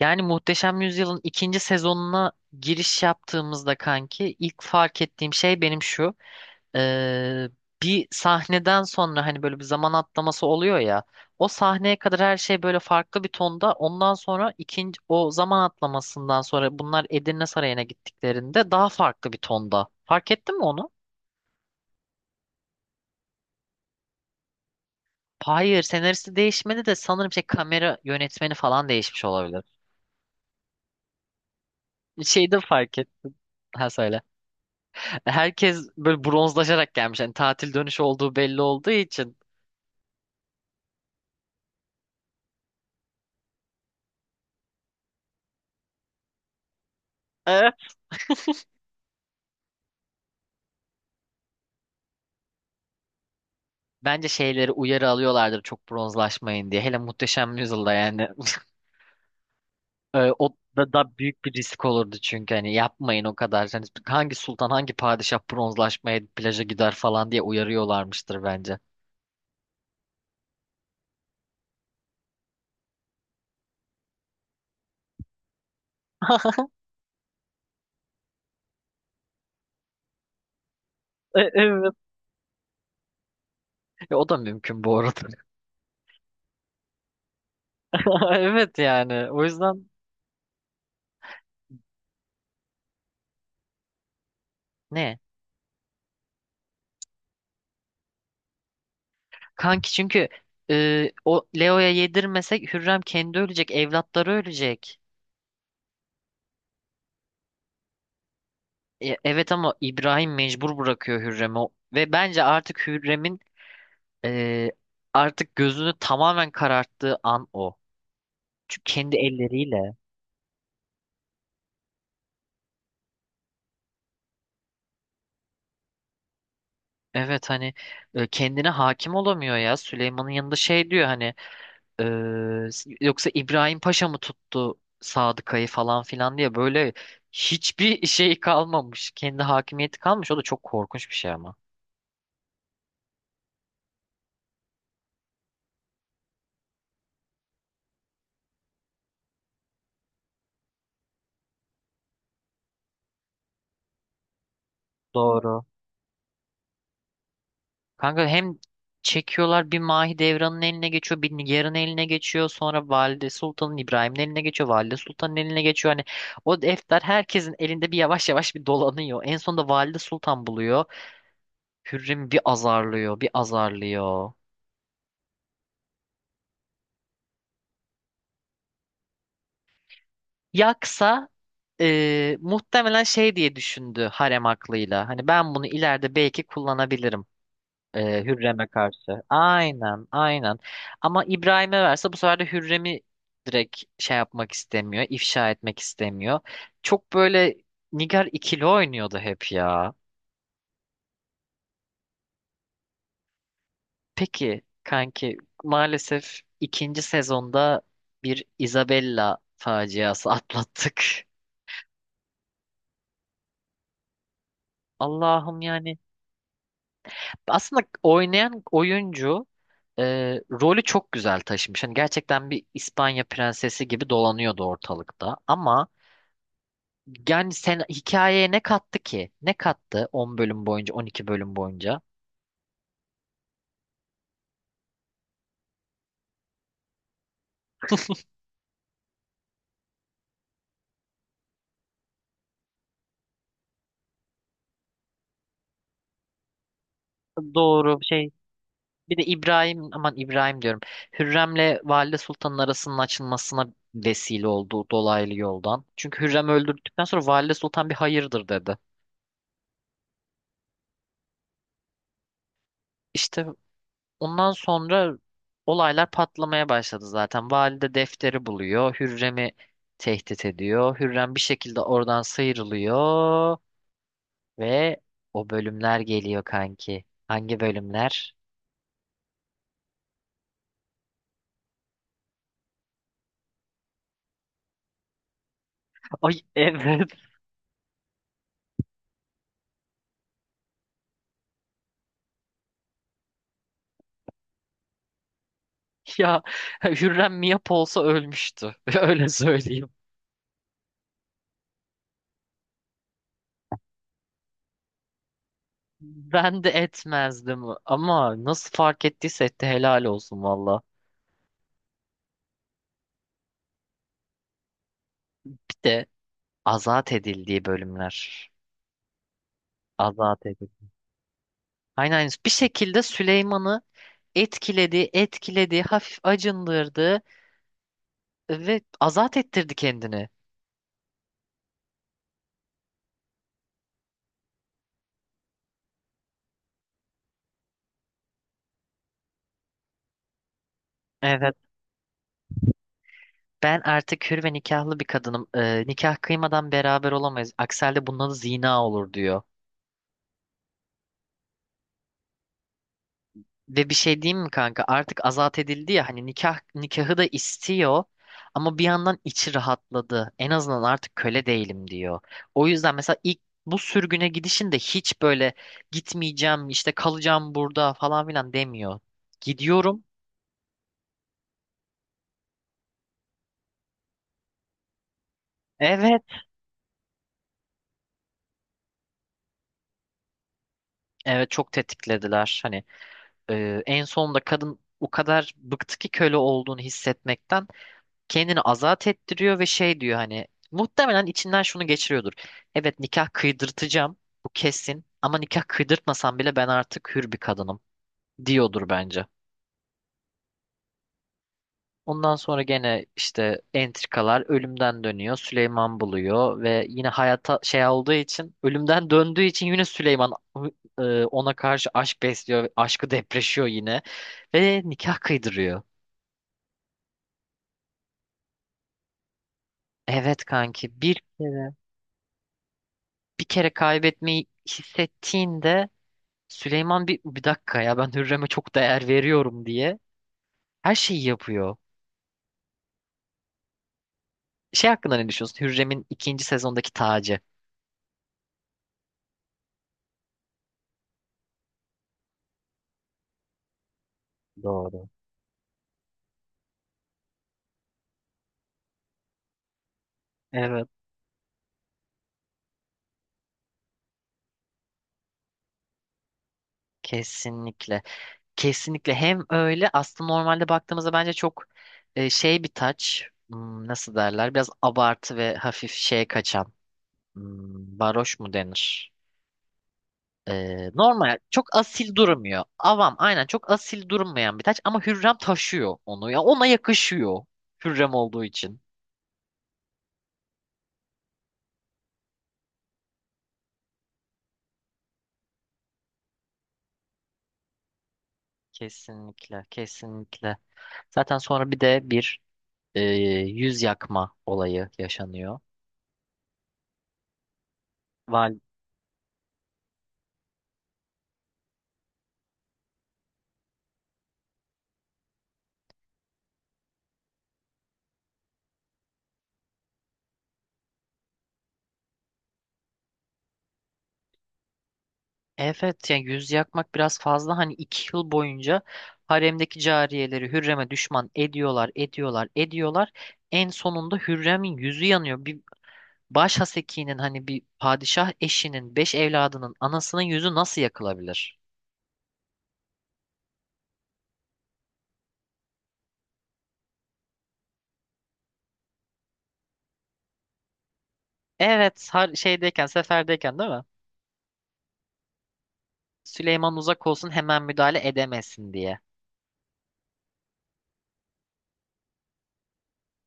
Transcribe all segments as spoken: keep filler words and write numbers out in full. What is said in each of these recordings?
Yani Muhteşem Yüzyıl'ın ikinci sezonuna giriş yaptığımızda kanki ilk fark ettiğim şey benim şu. Ee, bir sahneden sonra hani böyle bir zaman atlaması oluyor ya. O sahneye kadar her şey böyle farklı bir tonda. Ondan sonra ikinci o zaman atlamasından sonra bunlar Edirne Sarayı'na gittiklerinde daha farklı bir tonda. Fark ettin mi onu? Hayır, senaristi değişmedi de sanırım şey kamera yönetmeni falan değişmiş olabilir. Şeyde fark ettim. Ha, söyle. Herkes böyle bronzlaşarak gelmiş. Yani tatil dönüşü olduğu belli olduğu için. Evet. Bence şeyleri uyarı alıyorlardır çok bronzlaşmayın diye. Hele Muhteşem Yüzyılda yani. Ee, O da, da büyük bir risk olurdu, çünkü hani yapmayın o kadar. Hani hangi sultan hangi padişah bronzlaşmaya plaja gider falan diye uyarıyorlarmıştır bence. E- evet. E, o da mümkün bu arada. Evet yani o yüzden. Ne? Kanki çünkü e, o Leo'ya yedirmesek Hürrem kendi ölecek, evlatları ölecek. E, Evet ama İbrahim mecbur bırakıyor Hürrem'i. O- ve bence artık Hürrem'in e, artık gözünü tamamen kararttığı an o. Çünkü kendi elleriyle. Evet, hani e, kendine hakim olamıyor ya. Süleyman'ın yanında şey diyor, hani e, s- yoksa İbrahim Paşa mı tuttu Sadıkayı falan filan diye, böyle hiçbir şey kalmamış. Kendi hakimiyeti kalmış. O da çok korkunç bir şey ama. Doğru. Kanka hem çekiyorlar, bir Mahidevran'ın eline geçiyor, bir Nigar'ın eline geçiyor. Sonra Valide Sultan'ın, İbrahim'in eline geçiyor. Valide Sultan'ın eline geçiyor. Hani o defter herkesin elinde bir yavaş yavaş bir dolanıyor. En sonunda Valide Sultan buluyor. Hürrem'i bir azarlıyor, bir azarlıyor. Yaksa eee, muhtemelen şey diye düşündü harem aklıyla. Hani ben bunu ileride belki kullanabilirim. Ee, Hürrem'e karşı. Aynen, aynen. Ama İbrahim'e verse bu sefer de Hürrem'i direkt şey yapmak istemiyor, ifşa etmek istemiyor. Çok böyle Nigar ikili oynuyordu hep ya. Peki kanki, maalesef ikinci sezonda bir Isabella faciası atlattık. Allah'ım yani. Aslında oynayan oyuncu e, rolü çok güzel taşımış. Hani gerçekten bir İspanya prensesi gibi dolanıyordu ortalıkta. Ama yani sen hikayeye ne kattı ki? Ne kattı on bölüm boyunca, on iki bölüm boyunca? Doğru şey. Bir de İbrahim, aman İbrahim diyorum. Hürrem'le Valide Sultan'ın arasının açılmasına vesile oldu dolaylı yoldan. Çünkü Hürrem öldürdükten sonra Valide Sultan bir hayırdır dedi. İşte ondan sonra olaylar patlamaya başladı zaten. Valide defteri buluyor. Hürrem'i tehdit ediyor. Hürrem bir şekilde oradan sıyrılıyor. Ve o bölümler geliyor kanki. Hangi bölümler? Ay evet, ya Hürrem Miyap olsa ölmüştü. Öyle söyleyeyim. Ben de etmezdim ama nasıl fark ettiyse etti, helal olsun valla. Bir de azat edildiği bölümler. Azat edildi. Aynen, aynen. bir şekilde Süleyman'ı etkiledi, etkiledi, hafif acındırdı ve azat ettirdi kendini. Evet. Ben artık hür ve nikahlı bir kadınım. Ee, nikah kıymadan beraber olamayız. Aksi halde bunun adı zina olur diyor. Ve bir şey diyeyim mi kanka? Artık azat edildi ya, hani nikah nikahı da istiyor ama bir yandan içi rahatladı. En azından artık köle değilim diyor. O yüzden mesela ilk bu sürgüne gidişinde hiç böyle gitmeyeceğim işte, kalacağım burada falan filan demiyor. Gidiyorum. Evet. Evet, çok tetiklediler. Hani e, en sonunda kadın o kadar bıktı ki köle olduğunu hissetmekten, kendini azat ettiriyor ve şey diyor, hani muhtemelen içinden şunu geçiriyordur. Evet, nikah kıydırtacağım bu kesin, ama nikah kıydırtmasam bile ben artık hür bir kadınım diyordur bence. Ondan sonra gene işte entrikalar, ölümden dönüyor. Süleyman buluyor ve yine hayata şey olduğu için, ölümden döndüğü için yine Süleyman e, ona karşı aşk besliyor. Aşkı depreşiyor yine ve nikah kıydırıyor. Evet kanki, bir. Evet. Bir kere kaybetmeyi hissettiğinde Süleyman, bir, bir dakika ya ben Hürrem'e çok değer veriyorum diye her şeyi yapıyor. Şey hakkında ne düşünüyorsun? Hürrem'in ikinci sezondaki tacı. Doğru. Evet. Kesinlikle. Kesinlikle, hem öyle aslında normalde baktığımızda bence çok e, şey bir taç. Hmm, nasıl derler, biraz abartı ve hafif şeye kaçan. Hmm, baroş mu denir? E, normal çok asil durmuyor. Avam, aynen, çok asil durmayan bir taç ama Hürrem taşıyor onu ya, ona yakışıyor Hürrem olduğu için. Kesinlikle, kesinlikle. Zaten sonra bir de bir e, yüz yakma olayı yaşanıyor. Val evet, yani yüz yakmak biraz fazla. Hani iki yıl boyunca haremdeki cariyeleri Hürrem'e düşman ediyorlar, ediyorlar, ediyorlar. En sonunda Hürrem'in yüzü yanıyor. Bir baş hasekinin, hani bir padişah eşinin, beş evladının anasının yüzü nasıl yakılabilir? Evet, har şeydeyken, seferdeyken, değil mi? Süleyman uzak olsun, hemen müdahale edemesin diye.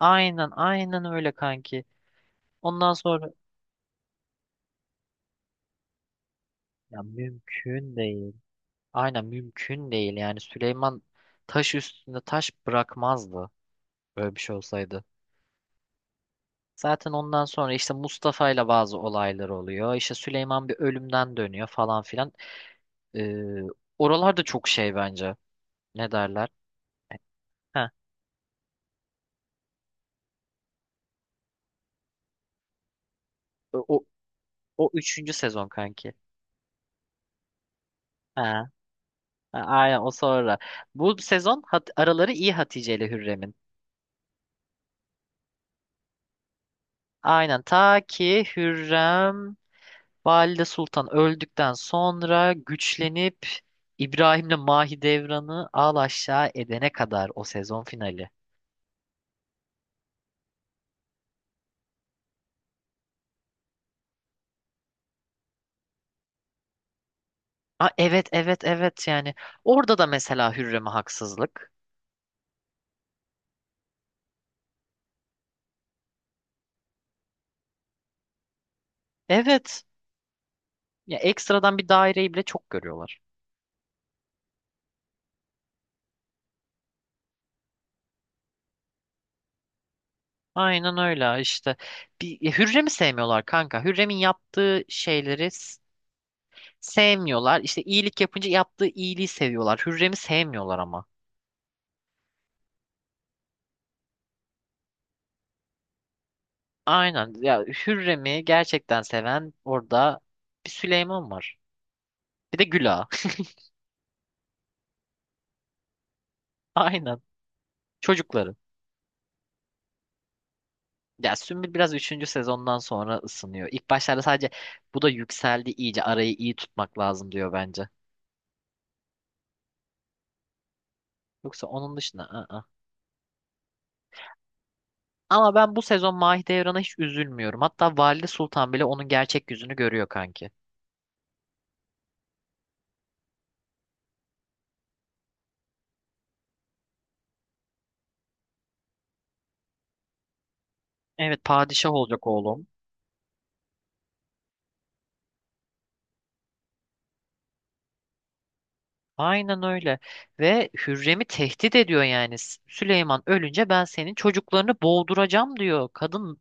Aynen aynen öyle kanki. Ondan sonra ya, mümkün değil. Aynen mümkün değil. Yani Süleyman taş üstünde taş bırakmazdı böyle bir şey olsaydı. Zaten ondan sonra işte Mustafa ile bazı olaylar oluyor. İşte Süleyman bir ölümden dönüyor falan filan. Ee, oralar da çok şey bence. Ne derler? Heh, o, o, o üçüncü sezon kanki. Ha, ha, aynen o sonra. Bu sezon hat- araları iyi Hatice ile Hürrem'in. Aynen ta ki Hürrem Valide Sultan öldükten sonra güçlenip İbrahim'le Mahidevran'ı al aşağı edene kadar o sezon finali. Ha, evet, evet, evet, yani orada da mesela Hürrem'e haksızlık. Evet, ya ekstradan bir daireyi bile çok görüyorlar. Aynen öyle işte. Bir, ya Hürrem'i sevmiyorlar kanka. Hürrem'in yaptığı şeyleri s- sevmiyorlar. İşte iyilik yapınca yaptığı iyiliği seviyorlar. Hürrem'i sevmiyorlar ama. Aynen. Ya Hürrem'i gerçekten seven orada bir Süleyman var. Bir de Güla. Aynen. Çocukları. Ya Sümbül biraz üçüncü sezondan sonra ısınıyor. İlk başlarda sadece bu da yükseldi, iyice arayı iyi tutmak lazım diyor bence. Yoksa onun dışında ı-ı. Ama ben bu sezon Mahidevran'a hiç üzülmüyorum. Hatta Valide Sultan bile onun gerçek yüzünü görüyor kanki. Evet, padişah olacak oğlum. Aynen öyle. Ve Hürrem'i tehdit ediyor yani. S- Süleyman ölünce ben senin çocuklarını boğduracağım diyor. Kadın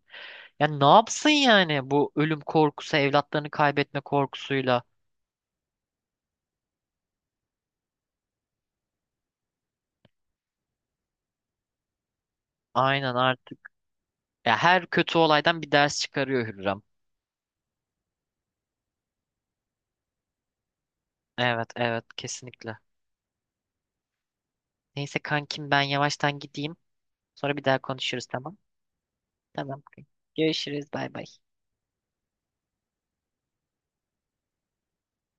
yani ne yapsın yani, bu ölüm korkusu, evlatlarını kaybetme korkusuyla. Aynen artık. Ya her kötü olaydan bir ders çıkarıyor Hürrem. Evet, evet, kesinlikle. Neyse kankim, ben yavaştan gideyim. Sonra bir daha konuşuruz, tamam? Tamam. Görüşürüz. Bay bay.